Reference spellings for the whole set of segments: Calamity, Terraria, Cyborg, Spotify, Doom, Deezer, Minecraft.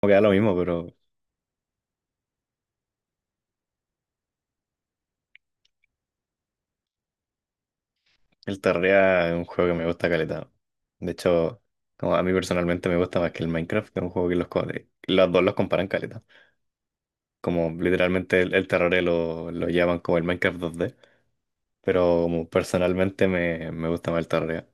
Como que da lo mismo, pero el Terraria es un juego que me gusta caleta. De hecho, como a mí personalmente me gusta más que el Minecraft, que es un juego que los dos los comparan caleta. Como literalmente el Terraria lo llaman como el Minecraft 2D, pero como personalmente me gusta más el Terraria.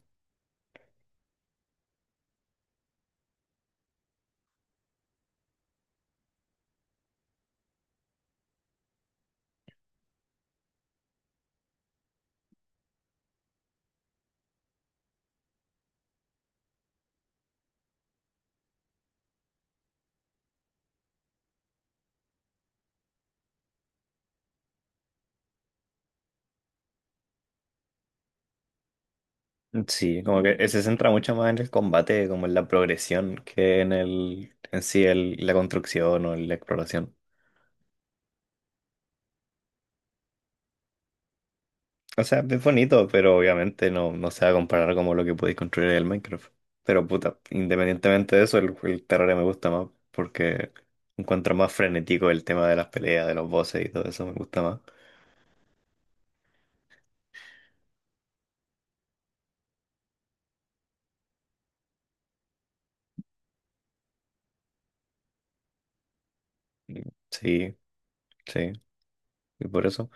Sí, como que se centra mucho más en el combate, como en la progresión, que en en sí la construcción o en la exploración. O sea, es bonito, pero obviamente no se va a comparar como lo que podéis construir en el Minecraft. Pero puta, independientemente de eso, el Terraria me gusta más porque encuentro más frenético el tema de las peleas, de los bosses y todo eso, me gusta más. Sí, sí, y por eso,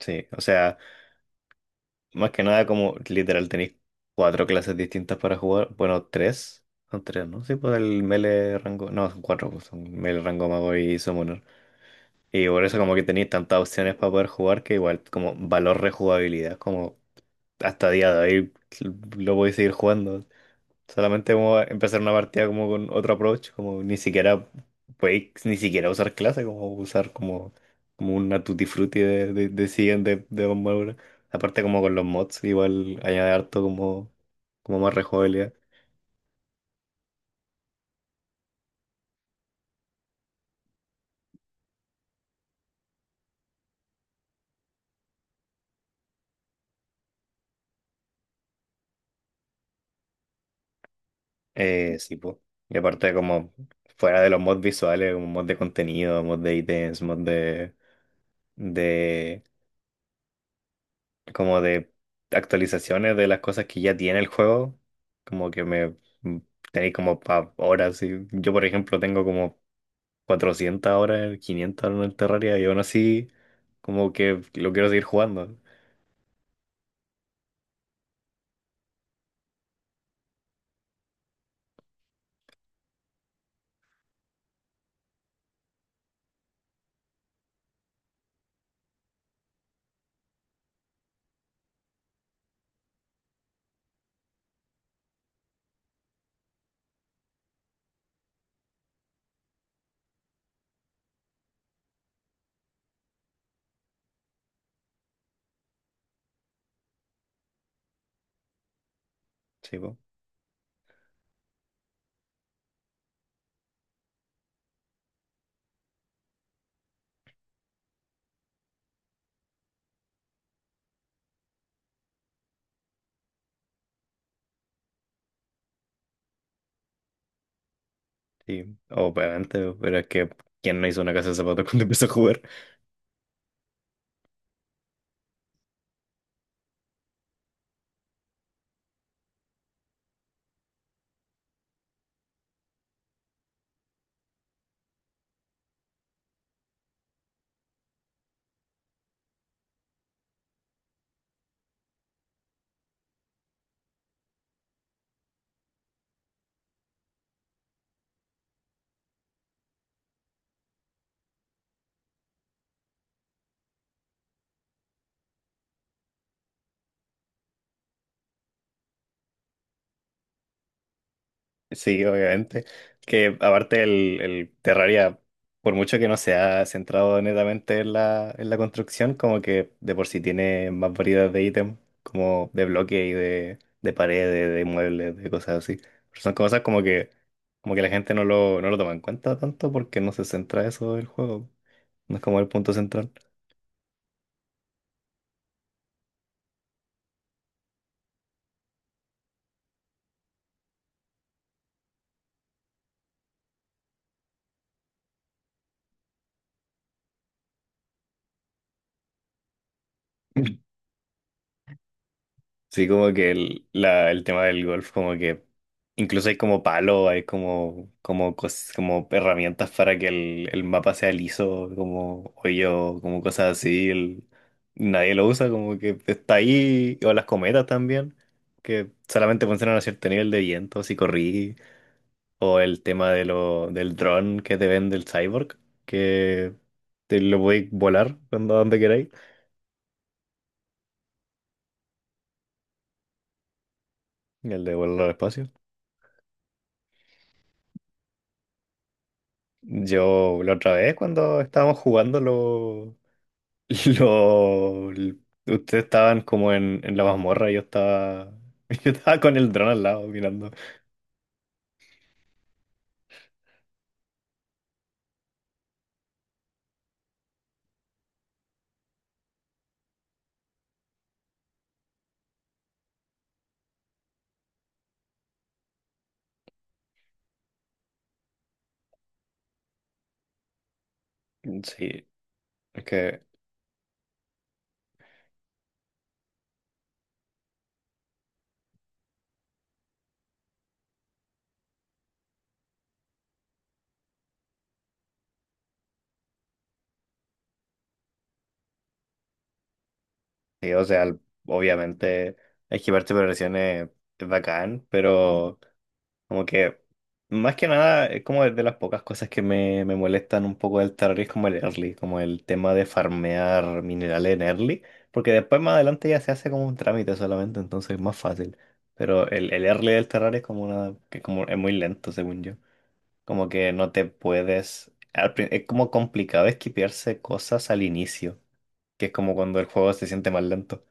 sí. O sea, más que nada como literal tenéis cuatro clases distintas para jugar. Bueno, tres, son tres, ¿no? Sí, pues el melee rango, no, son cuatro, pues son melee rango mago y summoner. Y por eso como que tenéis tantas opciones para poder jugar que igual como valor rejugabilidad, como hasta día de hoy lo podéis seguir jugando. Solamente como empezar una partida como con otro approach, como ni siquiera podéis ni siquiera usar clase, como usar como, como una tutti frutti de siguiente de armadura. Aparte como con los mods, igual añade harto como, como más rejugabilidad. Sí, pues. Y aparte, como fuera de los mods visuales, un mod de contenido, mod de ítems, mod de, como de actualizaciones de las cosas que ya tiene el juego, como que me mm, tenéis como pa horas. Y yo, por ejemplo, tengo como 400 horas, 500 horas en el Terraria y aún así, como que lo quiero seguir jugando. Sí, pues. Sí, obviamente, pero es que, ¿quién no hizo una casa de zapatos cuando empezó a jugar? Sí, obviamente. Que aparte el Terraria, por mucho que no se ha centrado netamente en la construcción, como que de por sí tiene más variedad de ítems, como de bloque y de paredes, de muebles, de cosas así. Pero son cosas como que la gente no lo toma en cuenta tanto porque no se centra eso del juego. No es como el punto central. Sí, como que el tema del golf, como que incluso hay como palo, hay como, como, como herramientas para que el mapa sea liso, como hoyo, como cosas así. El nadie lo usa, como que está ahí, o las cometas también, que solamente funcionan a cierto nivel de viento, si corrí, o el tema de lo, del dron que te vende el Cyborg, que te lo voy a volar cuando donde queráis, el de volar al espacio. Yo la otra vez cuando estábamos jugando lo, ustedes estaban como en la mazmorra, yo estaba, yo estaba con el dron al lado mirando. Sí, es que, sí, o sea, obviamente esquivar tripulaciones es bacán, pero como que, más que nada, es como de las pocas cosas que me molestan un poco del terror es como el early, como el tema de farmear minerales en early, porque después más adelante ya se hace como un trámite solamente, entonces es más fácil. Pero el early del terrario es como una, que como es muy lento, según yo. Como que no te puedes, al es como complicado esquipearse cosas al inicio, que es como cuando el juego se siente más lento.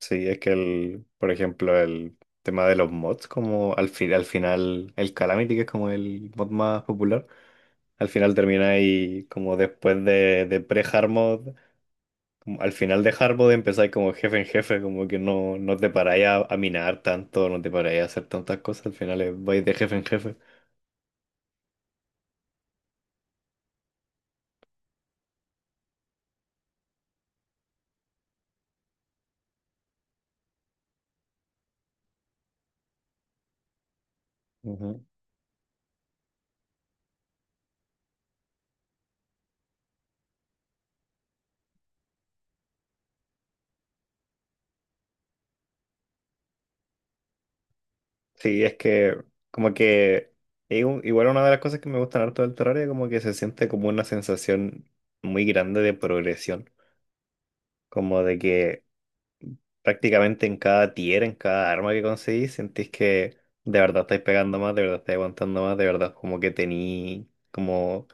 Sí, es que el, por ejemplo, el tema de los mods, como al fin, al final, el Calamity, que es como el mod más popular, al final termina ahí como después de pre-hard mod, como al final de hard mode empezáis como jefe en jefe, como que no te paráis a minar tanto, no te paráis a hacer tantas cosas, al final vais de jefe en jefe. Ujú. Sí, es que como que es un- igual una de las cosas que me gustan harto del Terraria, como que se siente como una sensación muy grande de progresión. Como de que prácticamente en cada tier, en cada arma que conseguís, sentís que de verdad estáis pegando más, de verdad estáis aguantando más, de verdad como que tení como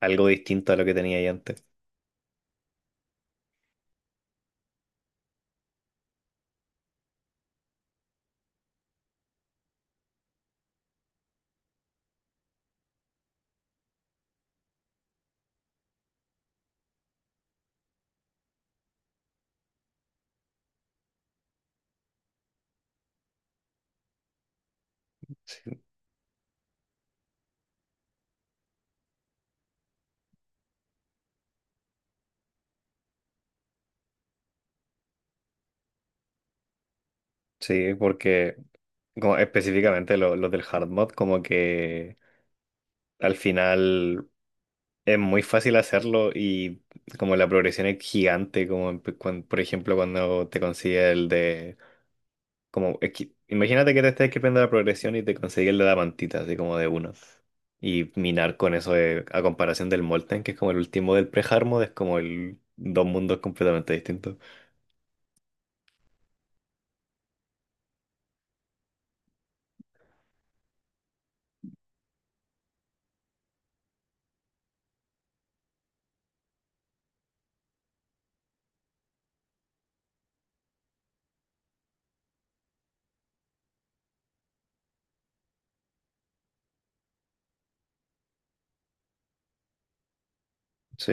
algo distinto a lo que tenía ahí antes. Sí, sí, porque como específicamente los del hard mod, como que al final es muy fácil hacerlo y como la progresión es gigante, como por ejemplo cuando te consigues el de. Como, es que imagínate que te estés escribiendo la progresión y te consigues la mantita, así como de uno. Y minar con eso de- a comparación del Molten, que es como el último del pre-Harmod, es como el dos mundos completamente distintos. Sí,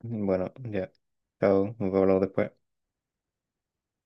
bueno, ya. Chao, nos vemos después.